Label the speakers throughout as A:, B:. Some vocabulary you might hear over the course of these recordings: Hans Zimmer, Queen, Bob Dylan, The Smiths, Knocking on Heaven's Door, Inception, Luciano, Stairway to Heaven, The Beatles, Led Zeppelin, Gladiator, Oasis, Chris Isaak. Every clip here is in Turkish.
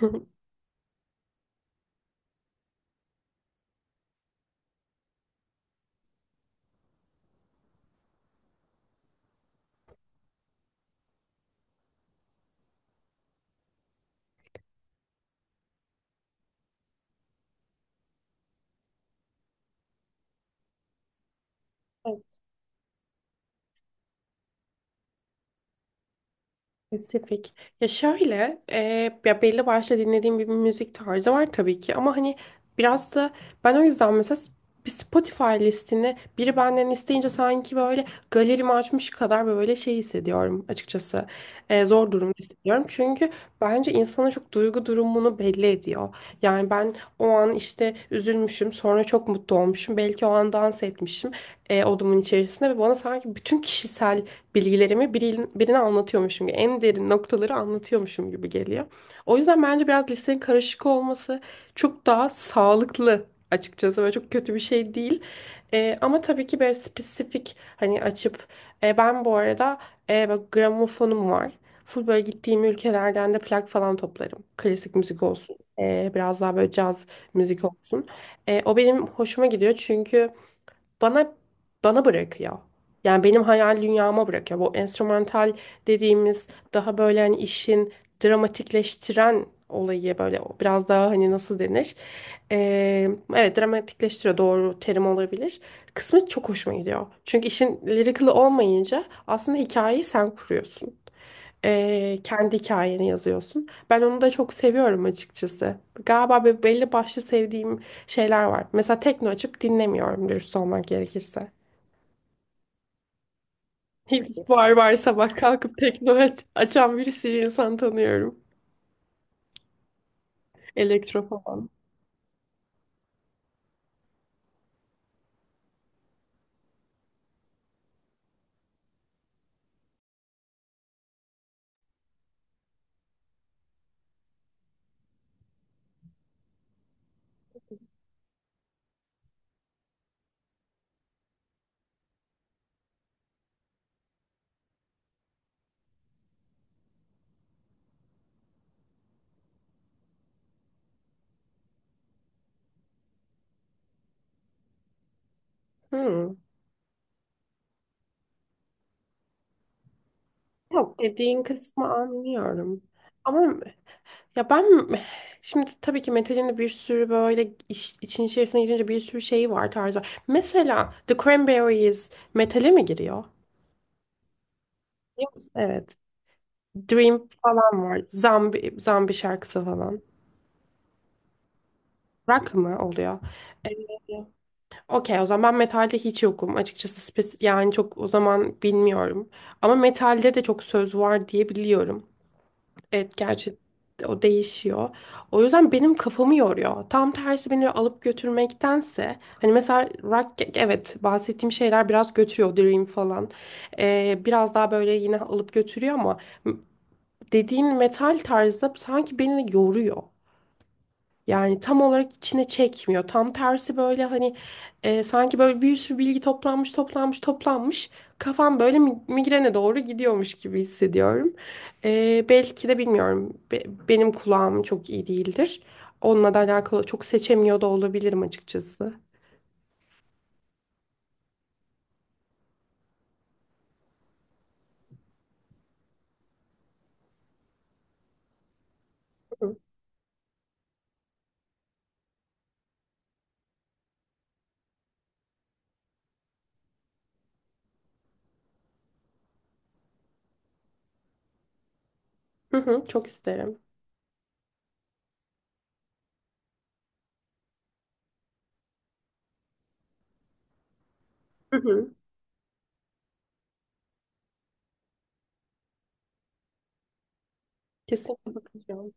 A: Evet, spesifik. Ya şöyle, ya belli başlı dinlediğim bir müzik tarzı var tabii ki ama hani biraz da ben o yüzden mesela bir Spotify listini biri benden isteyince sanki böyle galerimi açmış kadar böyle şey hissediyorum açıkçası. Zor durumda hissediyorum. Çünkü bence insanın çok duygu durumunu belli ediyor. Yani ben o an işte üzülmüşüm, sonra çok mutlu olmuşum. Belki o an dans etmişim odamın içerisinde ve bana sanki bütün bilgilerimi birine anlatıyormuşum gibi, en derin noktaları anlatıyormuşum gibi geliyor. O yüzden bence biraz lisenin karışık olması çok daha sağlıklı açıkçası ve çok kötü bir şey değil. Ama tabii ki böyle spesifik hani açıp ben bu arada böyle gramofonum var. Full böyle gittiğim ülkelerden de plak falan toplarım. Klasik müzik olsun. Biraz daha böyle caz müzik olsun. O benim hoşuma gidiyor çünkü bana bana bırakıyor. Yani benim hayal dünyama bırakıyor. Bu enstrümantal dediğimiz daha böyle hani işin dramatikleştiren olayı böyle biraz daha hani nasıl denir? Ee, evet, dramatikleştiriyor doğru terim olabilir. Kısmı çok hoşuma gidiyor. Çünkü işin lirikli olmayınca aslında hikayeyi sen kuruyorsun. Kendi hikayeni yazıyorsun. Ben onu da çok seviyorum açıkçası. Galiba belli başlı sevdiğim şeyler var. Mesela tekno açıp dinlemiyorum dürüst olmak gerekirse. Hep var var sabah kalkıp tekno açan bir sürü insan tanıyorum. Elektro falan. Hmm. Yok, dediğin kısmı anlıyorum. Ama ya ben şimdi tabii ki metalin de bir sürü böyle için içerisine girince bir sürü şeyi var tarzı. Mesela The Cranberries metale mi giriyor? Yok. Evet. Dream falan var. Zambi şarkısı falan. Rock mı oluyor? Ee, Okey, o zaman ben metalde hiç yokum. Açıkçası yani çok, o zaman bilmiyorum. Ama metalde de çok söz var diye biliyorum. Evet, gerçi o değişiyor. O yüzden benim kafamı yoruyor. Tam tersi beni alıp götürmektense hani mesela rock, evet bahsettiğim şeyler biraz götürüyor, Dream falan. Biraz daha böyle yine alıp götürüyor ama dediğin metal tarzı sanki beni yoruyor. Yani tam olarak içine çekmiyor. Tam tersi böyle hani sanki böyle bir sürü bilgi toplanmış, toplanmış, toplanmış. Kafam böyle migrene doğru gidiyormuş gibi hissediyorum. Belki de bilmiyorum. Benim kulağım çok iyi değildir. Onunla da alakalı çok seçemiyor da olabilirim açıkçası. Hı hı, çok isterim. Hı hı. Kesinlikle bakacağım.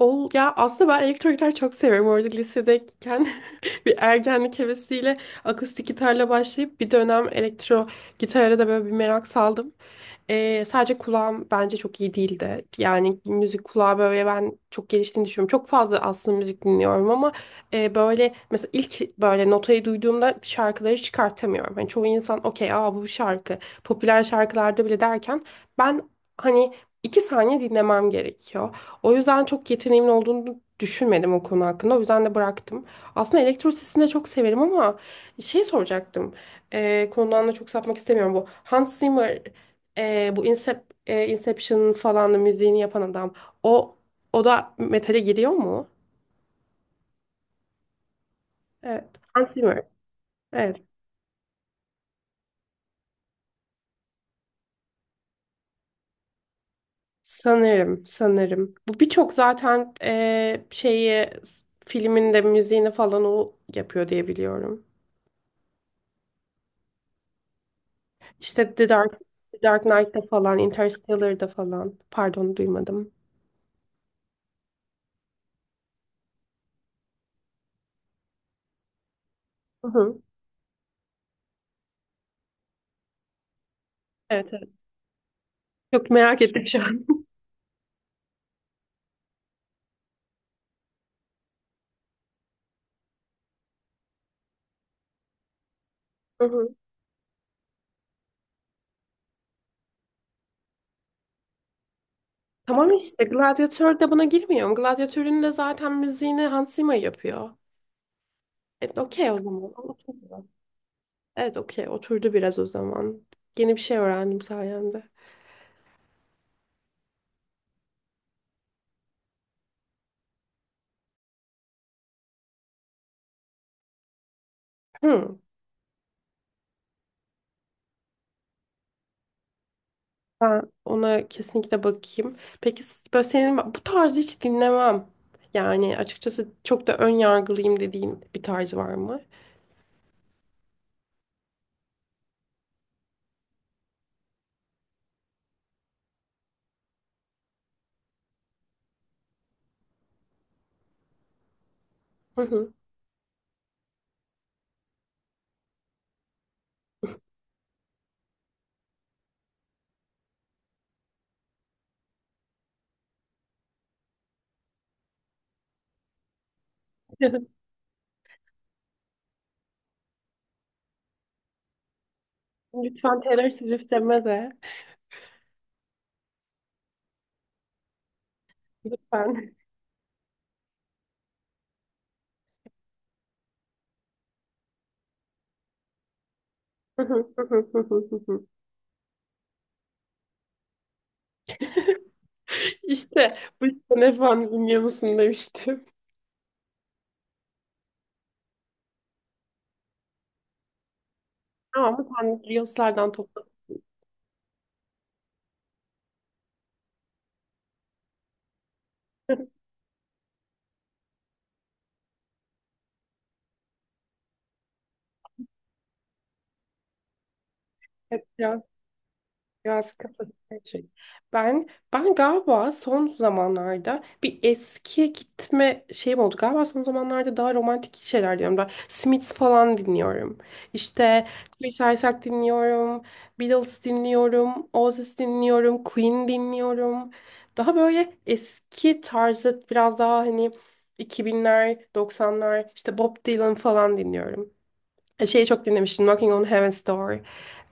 A: Ya aslında ben elektro gitar çok seviyorum. Orada lisedeyken bir ergenlik hevesiyle akustik gitarla başlayıp bir dönem elektro gitara da böyle bir merak saldım. Sadece kulağım bence çok iyi değildi. Yani müzik kulağı böyle ben çok geliştiğini düşünüyorum. Çok fazla aslında müzik dinliyorum ama böyle mesela ilk böyle notayı duyduğumda şarkıları çıkartamıyorum. Hani çoğu insan okey, aa bu şarkı popüler şarkılarda bile derken ben hani iki saniye dinlemem gerekiyor. O yüzden çok yeteneğimin olduğunu düşünmedim o konu hakkında. O yüzden de bıraktım. Aslında elektro sesini de çok severim ama şey soracaktım. Konudan da çok sapmak istemiyorum. Bu Hans Zimmer, e, bu Incep, Inception falan da müziğini yapan adam. O o da metale giriyor mu? Evet. Hans Zimmer. Evet. Sanırım, sanırım. Bu birçok zaten şeyi filminde müziğini falan o yapıyor diye biliyorum. İşte The Dark Knight'da falan, Interstellar'da falan. Pardon, duymadım. Hı hı. Evet, evet. Çok merak ettim şu an. Hı hı. Tamam, işte Gladiator da buna girmiyor mu? Gladiator'un da zaten müziğini Hans Zimmer yapıyor. Evet, okey o zaman. Oturdu. Evet, okey. Oturdu biraz o zaman. Yeni bir şey öğrendim sayende. Hı. Ben ona kesinlikle bakayım. Peki böyle senin bu tarzı hiç dinlemem, yani açıkçası çok da ön yargılıyım dediğin bir tarz var mı? Hı hı. Lütfen Taylor Swift deme de. Lütfen. İşte bu sene falan dinliyor musun demiştim. Ama sen Reels'lerden topladın. Evet ya. Biraz kafası karışık. Ben ben galiba son zamanlarda bir eskiye gitme şeyim oldu. Galiba son zamanlarda daha romantik şeyler diyorum. Ben Smiths falan dinliyorum. İşte Chris Isaak dinliyorum. Beatles dinliyorum. Oasis dinliyorum. Queen dinliyorum. Daha böyle eski tarzı biraz daha hani 2000'ler, 90'lar işte Bob Dylan falan dinliyorum. Şeyi çok dinlemiştim. Knocking on Heaven's Door.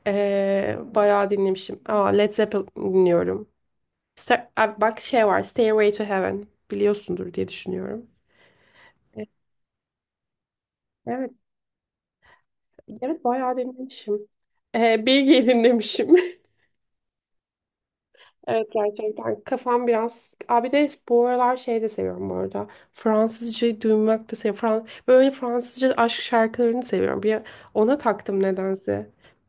A: Bayağı dinlemişim. Aa, Led Zeppelin dinliyorum. Aa, bak şey var. Stairway to Heaven. Biliyorsundur diye düşünüyorum. E, Evet. Evet, bayağı dinlemişim. Bilge'yi dinlemişim. Evet, gerçekten kafam biraz... Abi de bu aralar şey de seviyorum bu arada. Fransızca duymak da seviyorum. Böyle Fransızca aşk şarkılarını seviyorum. Bir ona taktım nedense.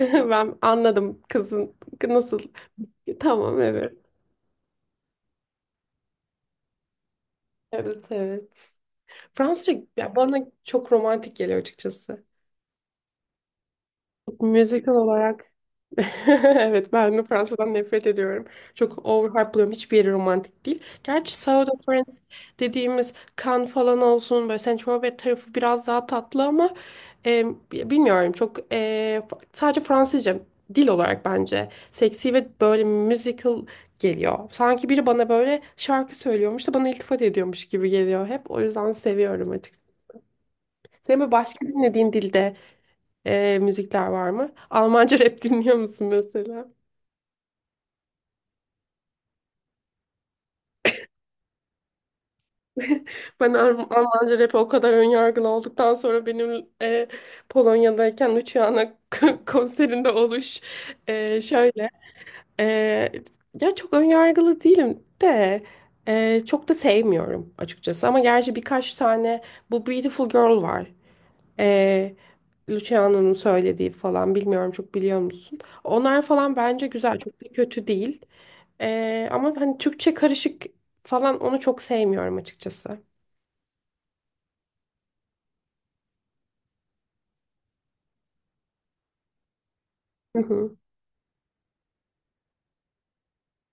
A: Ben anladım kızın nasıl. Tamam, evet. Evet, evet. Fransızca ya bana çok romantik geliyor açıkçası. Müzikal olarak evet, ben de Fransa'dan nefret ediyorum. Çok overhype buluyorum. Hiçbir yeri romantik değil. Gerçi South of France dediğimiz Cannes falan olsun, böyle Saint Tropez tarafı biraz daha tatlı ama e, bilmiyorum, çok sadece Fransızca dil olarak bence seksi ve böyle musical geliyor. Sanki biri bana böyle şarkı söylüyormuş da bana iltifat ediyormuş gibi geliyor hep. O yüzden seviyorum açıkçası. Senin böyle başka dinlediğin dilde müzikler var mı? Almanca rap dinliyor musun mesela? Ben Almanca rap'e o kadar önyargılı olduktan sonra benim Polonya'dayken Luciana konserinde şöyle e, ya çok önyargılı değilim de çok da sevmiyorum açıkçası ama gerçi birkaç tane bu Beautiful Girl var. E, Luciano'nun söylediği falan bilmiyorum, çok biliyor musun? Onlar falan bence güzel, çok da kötü değil. Ama hani Türkçe karışık falan, onu çok sevmiyorum açıkçası. Hı hı.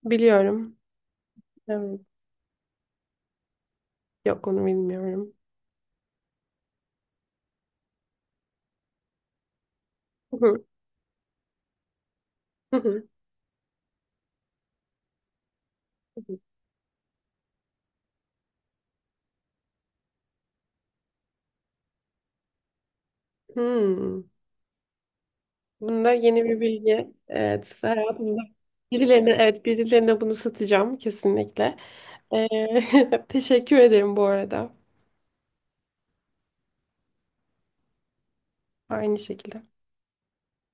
A: Biliyorum. Evet. Yok, onu bilmiyorum. Hı hı. Hı hı. Hmm. Bunda yeni bir bilgi. Evet, hayatımda birilerine, evet, birilerine bunu satacağım kesinlikle. Teşekkür ederim bu arada. Aynı şekilde.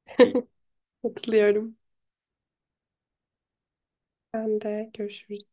A: Katılıyorum. Ben de görüşürüz.